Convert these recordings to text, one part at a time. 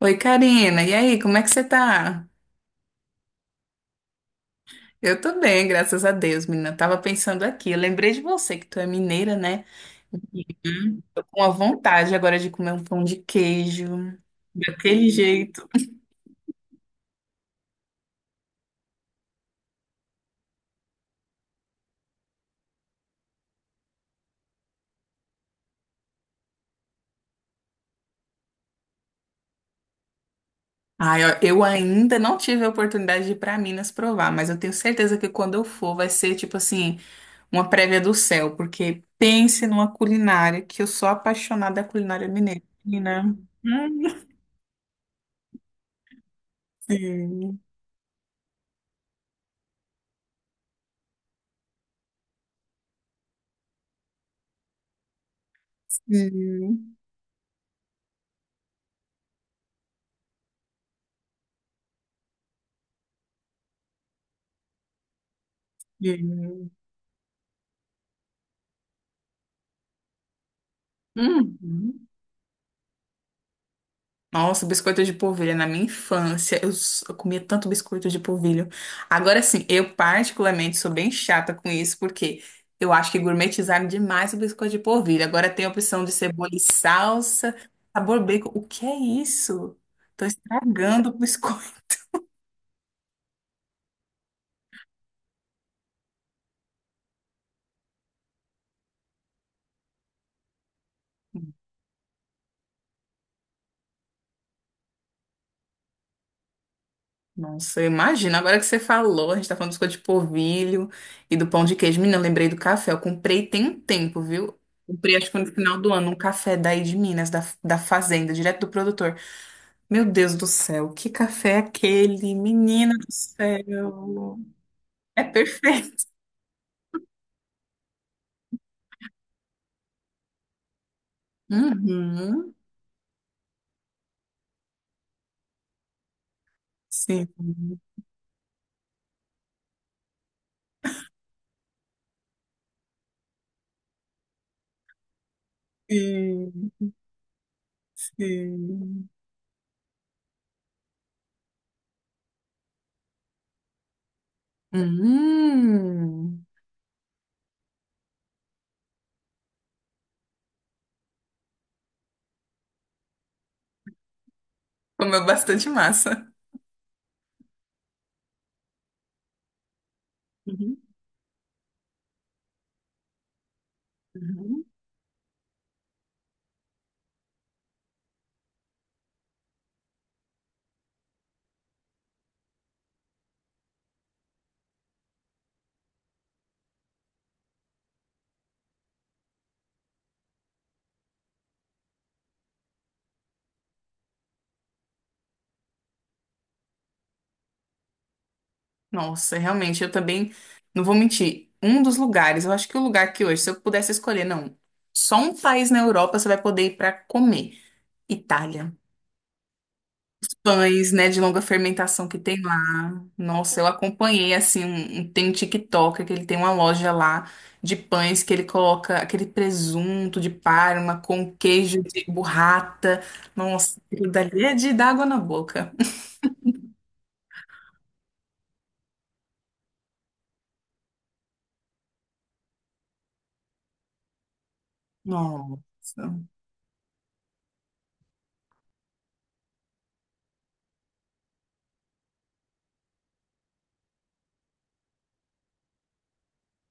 Oi, Karina. E aí, como é que você tá? Eu tô bem, graças a Deus, menina. Eu tava pensando aqui, eu lembrei de você que tu é mineira, né? Uhum. Tô com a vontade agora de comer um pão de queijo, daquele jeito. Ai, ó, eu ainda não tive a oportunidade de ir pra Minas provar, mas eu tenho certeza que quando eu for vai ser tipo assim, uma prévia do céu, porque pense numa culinária que eu sou apaixonada da culinária mineira, menina. Hum, Sim, sim, sim. Uhum. Nossa, biscoito de polvilho na minha infância. Eu comia tanto biscoito de polvilho. Agora sim, eu particularmente sou bem chata com isso, porque eu acho que gourmetizaram demais o biscoito de polvilho. Agora tem a opção de cebola e salsa, sabor bacon. O que é isso? Tô estragando o biscoito. Nossa, eu imagino. Agora que você falou, a gente tá falando do biscoito de polvilho e do pão de queijo. Menina, eu lembrei do café. Eu comprei tem um tempo, viu? Comprei, acho que foi no final do ano, um café daí de Minas, da fazenda, direto do produtor. Meu Deus do céu, que café é aquele? Menina do céu. É perfeito. Uhum. Sim, sim, sim. Hum. Comeu bastante massa. Uhum, uhum. Nossa, realmente, eu também não vou mentir. Um dos lugares, eu acho que o lugar que hoje, se eu pudesse escolher, não, só um país na Europa você vai poder ir para comer. Itália. Pães, né, de longa fermentação que tem lá. Nossa, eu acompanhei assim, tem um TikToker que ele tem uma loja lá de pães que ele coloca aquele presunto de Parma com queijo de burrata. Nossa, aquilo dali é de dar água na boca. Nossa.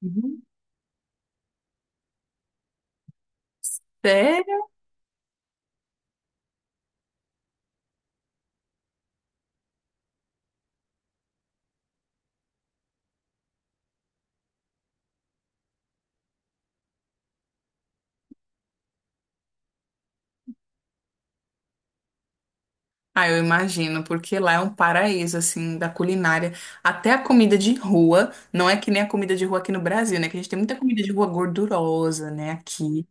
Uhum. Sério? Ah, eu imagino, porque lá é um paraíso, assim, da culinária. Até a comida de rua, não é que nem a comida de rua aqui no Brasil, né? Que a gente tem muita comida de rua gordurosa, né? Aqui.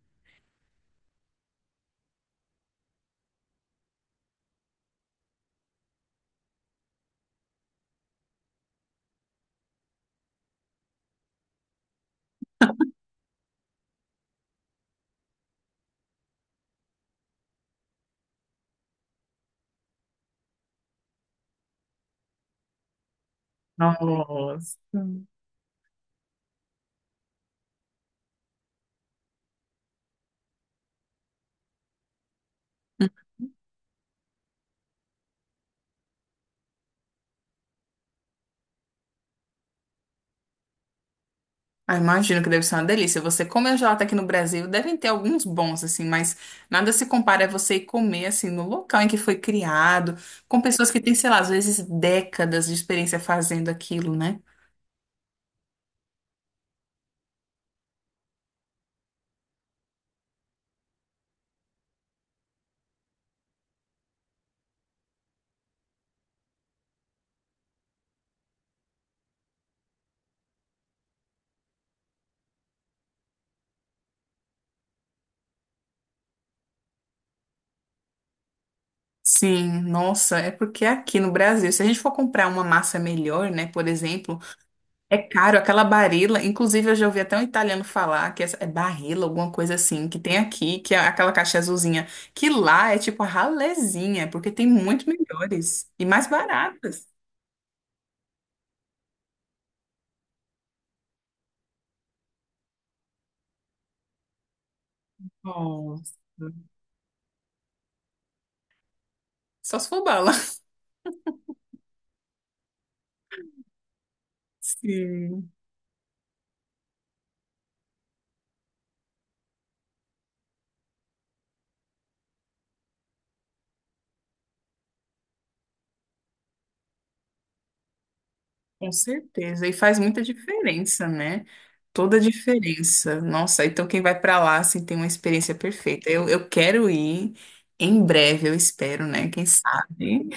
Nossa. Ah, imagino que deve ser uma delícia. Você comer gelato aqui no Brasil, devem ter alguns bons, assim, mas nada se compara a você ir comer, assim, no local em que foi criado, com pessoas que têm, sei lá, às vezes décadas de experiência fazendo aquilo, né? Sim, nossa, é porque aqui no Brasil, se a gente for comprar uma massa melhor, né, por exemplo, é caro, aquela Barilla. Inclusive, eu já ouvi até um italiano falar que essa, é Barilla, alguma coisa assim, que tem aqui, que é aquela caixa azulzinha, que lá é tipo a ralezinha, porque tem muito melhores e mais baratas. Nossa. Só se for bala. Sim, com certeza. E faz muita diferença, né? Toda a diferença. Nossa, então quem vai pra lá, assim, tem uma experiência perfeita. Eu quero ir em breve, eu espero, né? Quem sabe?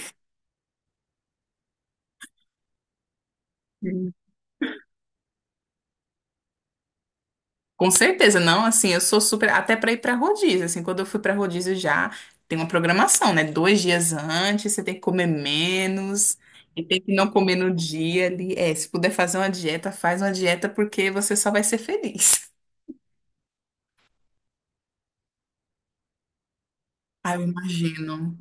Com certeza, não, assim, eu sou super, até para ir para rodízio, assim, quando eu fui para rodízio já tem uma programação, né? Dois dias antes, você tem que comer menos e tem que não comer no dia ali. É, se puder fazer uma dieta, faz uma dieta porque você só vai ser feliz. Ah, eu imagino.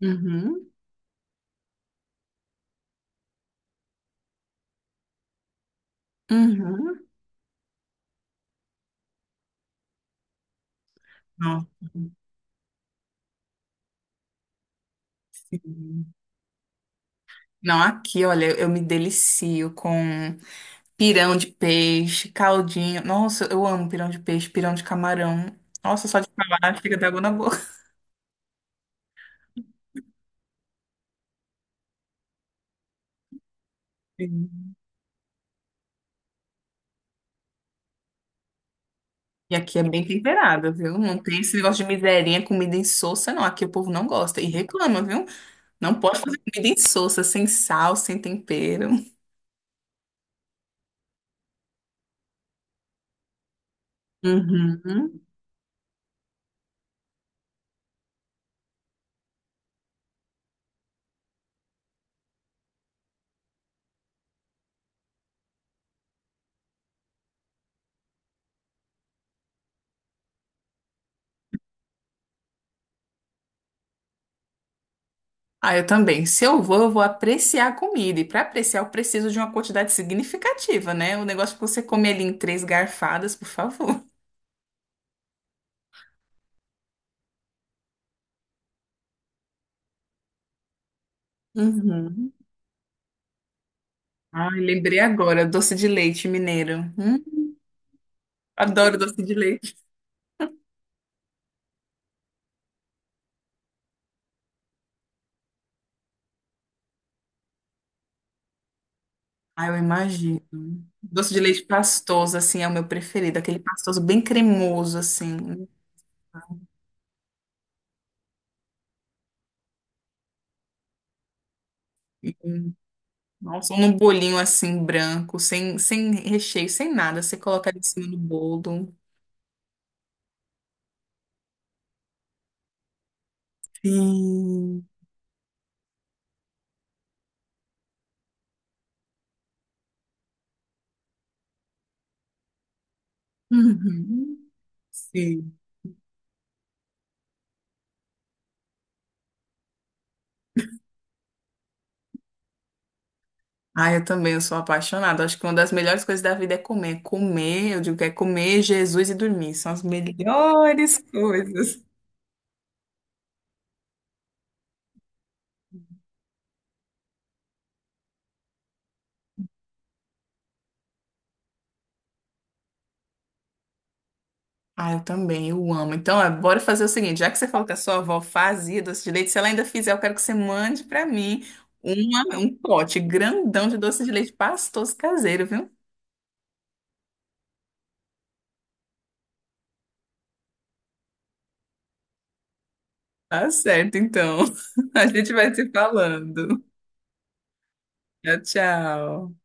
Uhum, uhum. Nossa, sim. Não, aqui, olha, eu me delicio com pirão de peixe, caldinho. Nossa, eu amo pirão de peixe, pirão de camarão. Nossa, só de falar, fica da água na boca. Sim. E aqui é bem temperado, viu? Não tem esse negócio de miserinha, comida insossa, não. Aqui o povo não gosta e reclama, viu? Não pode fazer comida insossa, sem sal, sem tempero. Uhum. Ah, eu também. Se eu vou, eu vou apreciar a comida. E para apreciar, eu preciso de uma quantidade significativa, né? O negócio que você come ali em três garfadas, por favor. Uhum. Ai, lembrei agora, doce de leite mineiro. Hum? Adoro doce de leite. Ah, eu imagino. Doce de leite pastoso, assim, é o meu preferido. Aquele pastoso bem cremoso, assim. E, nossa, ou num bolinho, assim, branco, sem recheio, sem nada. Você coloca ali em cima do bolo. Sim. Uhum. Sim. Ah, eu também, eu sou apaixonada. Acho que uma das melhores coisas da vida é comer. Comer, eu digo que é comer Jesus e dormir. São as melhores coisas. Ah, eu também, eu amo. Então, ó, bora fazer o seguinte, já que você falou que a sua avó fazia doce de leite, se ela ainda fizer, eu quero que você mande pra mim uma, um pote grandão de doce de leite pastoso caseiro, viu? Tá certo, então. A gente vai se falando. Tchau, tchau.